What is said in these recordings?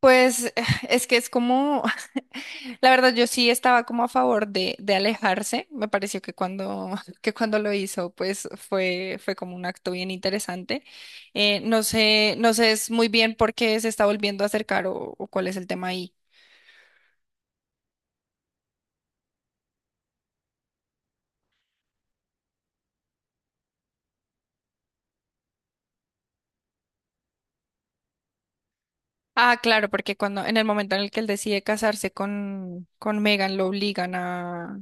Pues es que es como, la verdad yo sí estaba como a favor de alejarse. Me pareció que que cuando lo hizo pues fue como un acto bien interesante. No sé, no sé es muy bien por qué se está volviendo a acercar o cuál es el tema ahí. Ah, claro, porque en el momento en el que él decide casarse con Megan lo obligan a,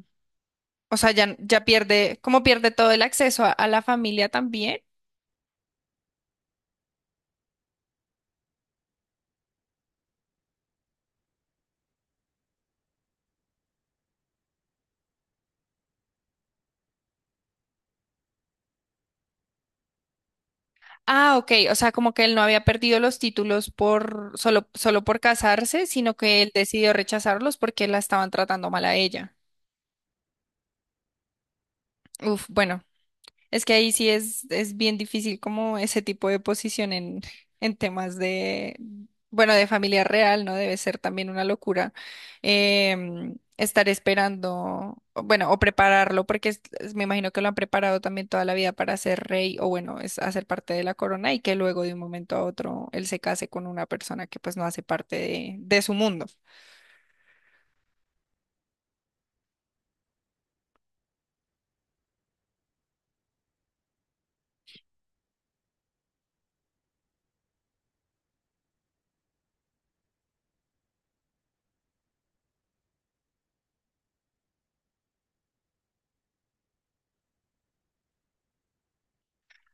o sea, ya pierde, como pierde todo el acceso a la familia también. Ah, ok, o sea, como que él no había perdido los títulos por solo por casarse, sino que él decidió rechazarlos porque la estaban tratando mal a ella. Uf, bueno, es que ahí sí es bien difícil como ese tipo de posición en temas de, bueno, de familia real, ¿no? Debe ser también una locura, estar esperando, o bueno, o prepararlo, porque me imagino que lo han preparado también toda la vida para ser rey o bueno, es hacer parte de la corona y que luego de un momento a otro él se case con una persona que pues no hace parte de su mundo.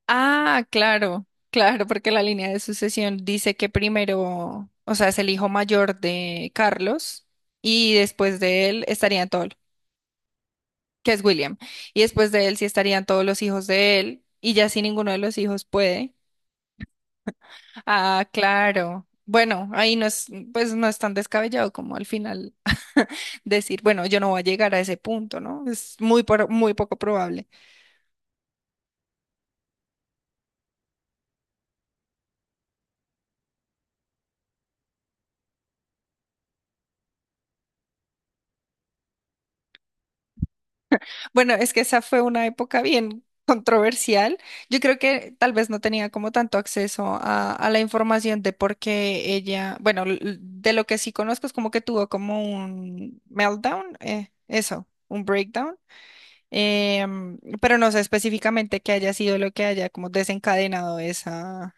Ah, claro, claro, porque la línea de sucesión dice que primero, o sea, es el hijo mayor de Carlos y después de él estarían todos, que es William, y después de él sí estarían todos los hijos de él y ya si ninguno de los hijos puede. Ah, claro. Bueno, ahí no es, pues no es tan descabellado como al final decir, bueno, yo no voy a llegar a ese punto, ¿no? Es muy, muy poco probable. Bueno, es que esa fue una época bien controversial. Yo creo que tal vez no tenía como tanto acceso a la información de por qué ella, bueno, de lo que sí conozco es como que tuvo como un meltdown, eso, un breakdown, pero no sé específicamente qué haya sido lo que haya como desencadenado esa,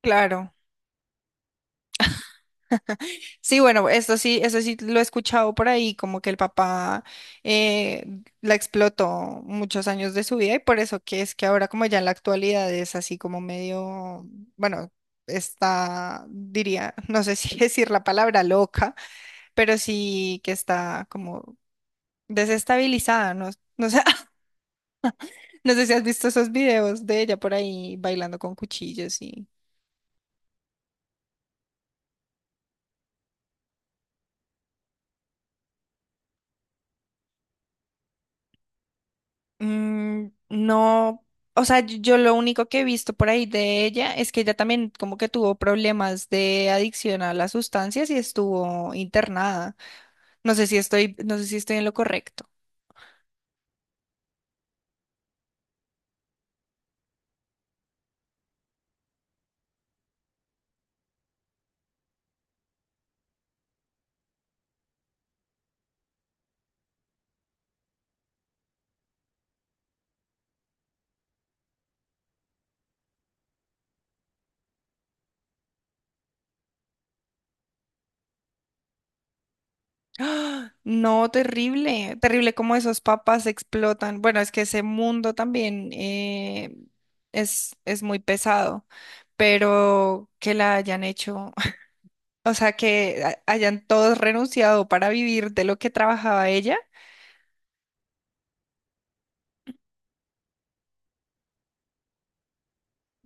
claro. Sí, bueno, esto sí, eso sí lo he escuchado por ahí, como que el papá eh, la explotó muchos años de su vida y por eso que es que ahora como ya en la actualidad es así como medio, bueno, está, diría, no sé si decir la palabra loca, pero sí que está como desestabilizada, no, no sé, no sé si has visto esos videos de ella por ahí bailando con cuchillos y... Mm, no, o sea, yo lo único que he visto por ahí de ella es que ella también como que tuvo problemas de adicción a las sustancias y estuvo internada. No sé si estoy, no sé si estoy en lo correcto. ¡Ah! No, terrible, terrible como esos papás explotan. Bueno, es que ese mundo también es muy pesado, pero que la hayan hecho, o sea, que hayan todos renunciado para vivir de lo que trabajaba ella.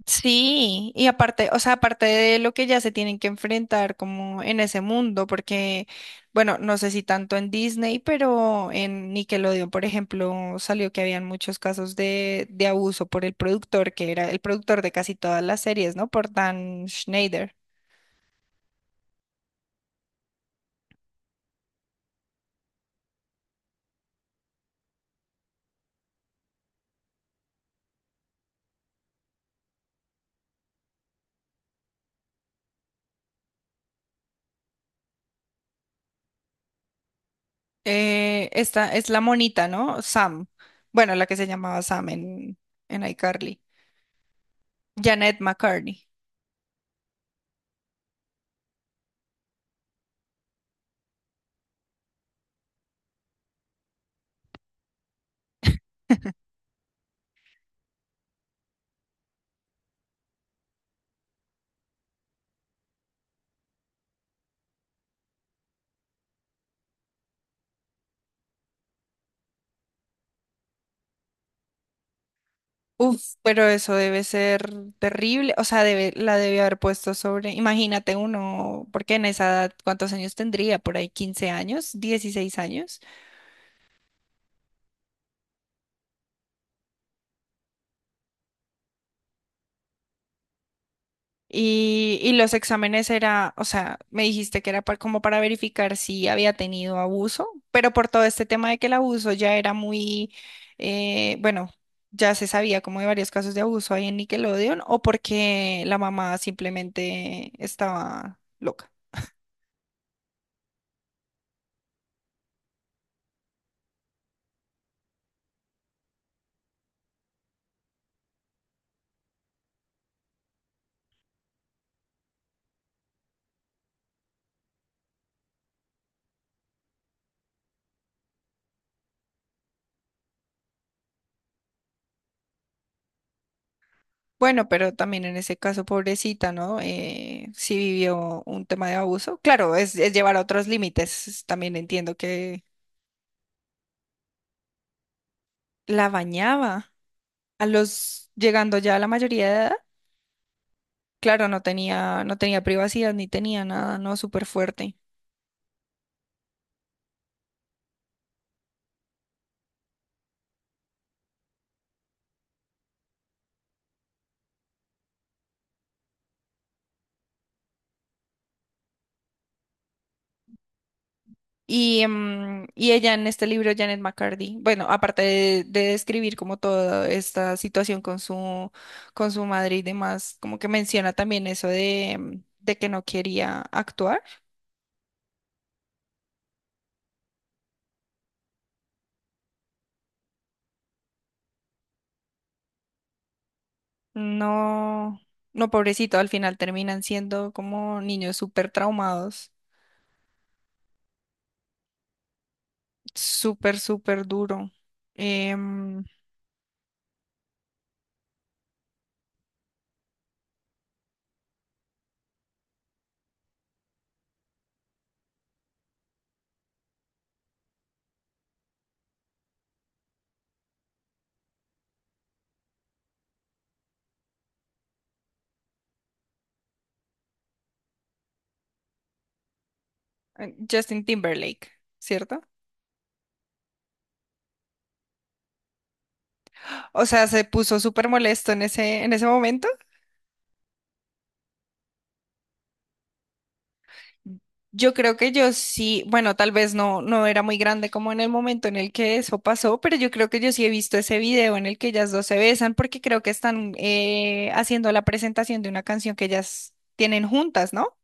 Sí, y aparte, o sea, aparte de lo que ya se tienen que enfrentar como en ese mundo, porque, bueno, no sé si tanto en Disney, pero en Nickelodeon, por ejemplo, salió que habían muchos casos de abuso por el productor, que era el productor de casi todas las series, ¿no? Por Dan Schneider. Esta es la monita, ¿no? Sam. Bueno, la que se llamaba Sam en iCarly. Janet McCartney. Uf, pero eso debe ser terrible, o sea, debe, la debe haber puesto sobre, imagínate uno, porque en esa edad, ¿cuántos años tendría? Por ahí 15 años, 16 años. Y los exámenes era, o sea, me dijiste que era como para verificar si había tenido abuso, pero por todo este tema de que el abuso ya era muy, bueno, ya se sabía como de varios casos de abuso ahí en Nickelodeon, o porque la mamá simplemente estaba loca. Bueno, pero también en ese caso, pobrecita, ¿no? Sí vivió un tema de abuso. Claro, es llevar a otros límites. También entiendo que la bañaba a los, llegando ya a la mayoría de edad. Claro, no tenía, no tenía privacidad ni tenía nada, ¿no? Súper fuerte. Y, y ella en este libro, Janet McCarthy, bueno, aparte de describir como toda esta situación con su madre y demás, como que menciona también eso de, de que no quería actuar. No, no, pobrecito, al final terminan siendo como niños súper traumados, súper, súper duro. Em, Justin Timberlake, ¿cierto? O sea, se puso súper molesto en ese momento. Yo creo que yo sí, bueno, tal vez no, no era muy grande como en el momento en el que eso pasó, pero yo creo que yo sí he visto ese video en el que ellas dos se besan porque creo que están haciendo la presentación de una canción que ellas tienen juntas, ¿no?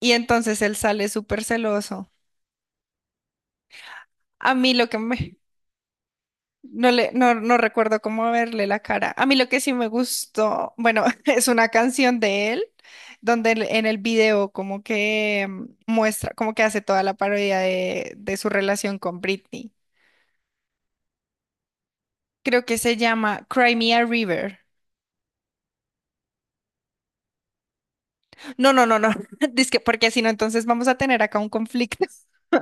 Y entonces él sale súper celoso. A mí lo que me... No, le, no, no recuerdo cómo verle la cara. A mí lo que sí me gustó, bueno, es una canción de él, donde en el video como que mm, muestra, como que hace toda la parodia de su relación con Britney. Creo que se llama Cry Me a River. No, no, no, no. Dizque, porque si no, entonces vamos a tener acá un conflicto.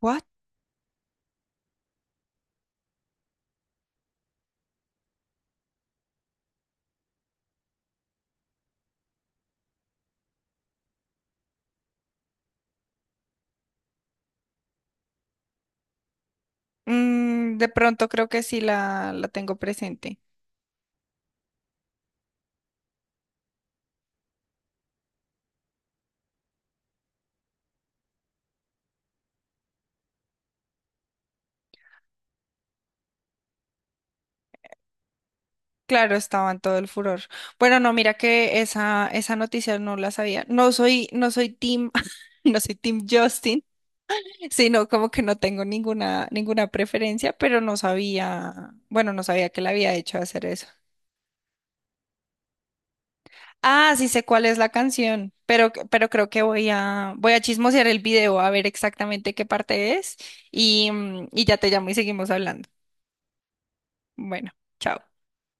What? Mm, de pronto creo que sí la tengo presente. Claro, estaba en todo el furor. Bueno, no, mira que esa noticia no la sabía. No soy, no soy team, no soy team Justin, sino como que no tengo ninguna, ninguna preferencia, pero no sabía, bueno, no sabía que le había hecho hacer eso. Ah, sí sé cuál es la canción, pero creo que voy a chismosear el video a ver exactamente qué parte es y, mm, y ya te llamo y seguimos hablando. Bueno, chao.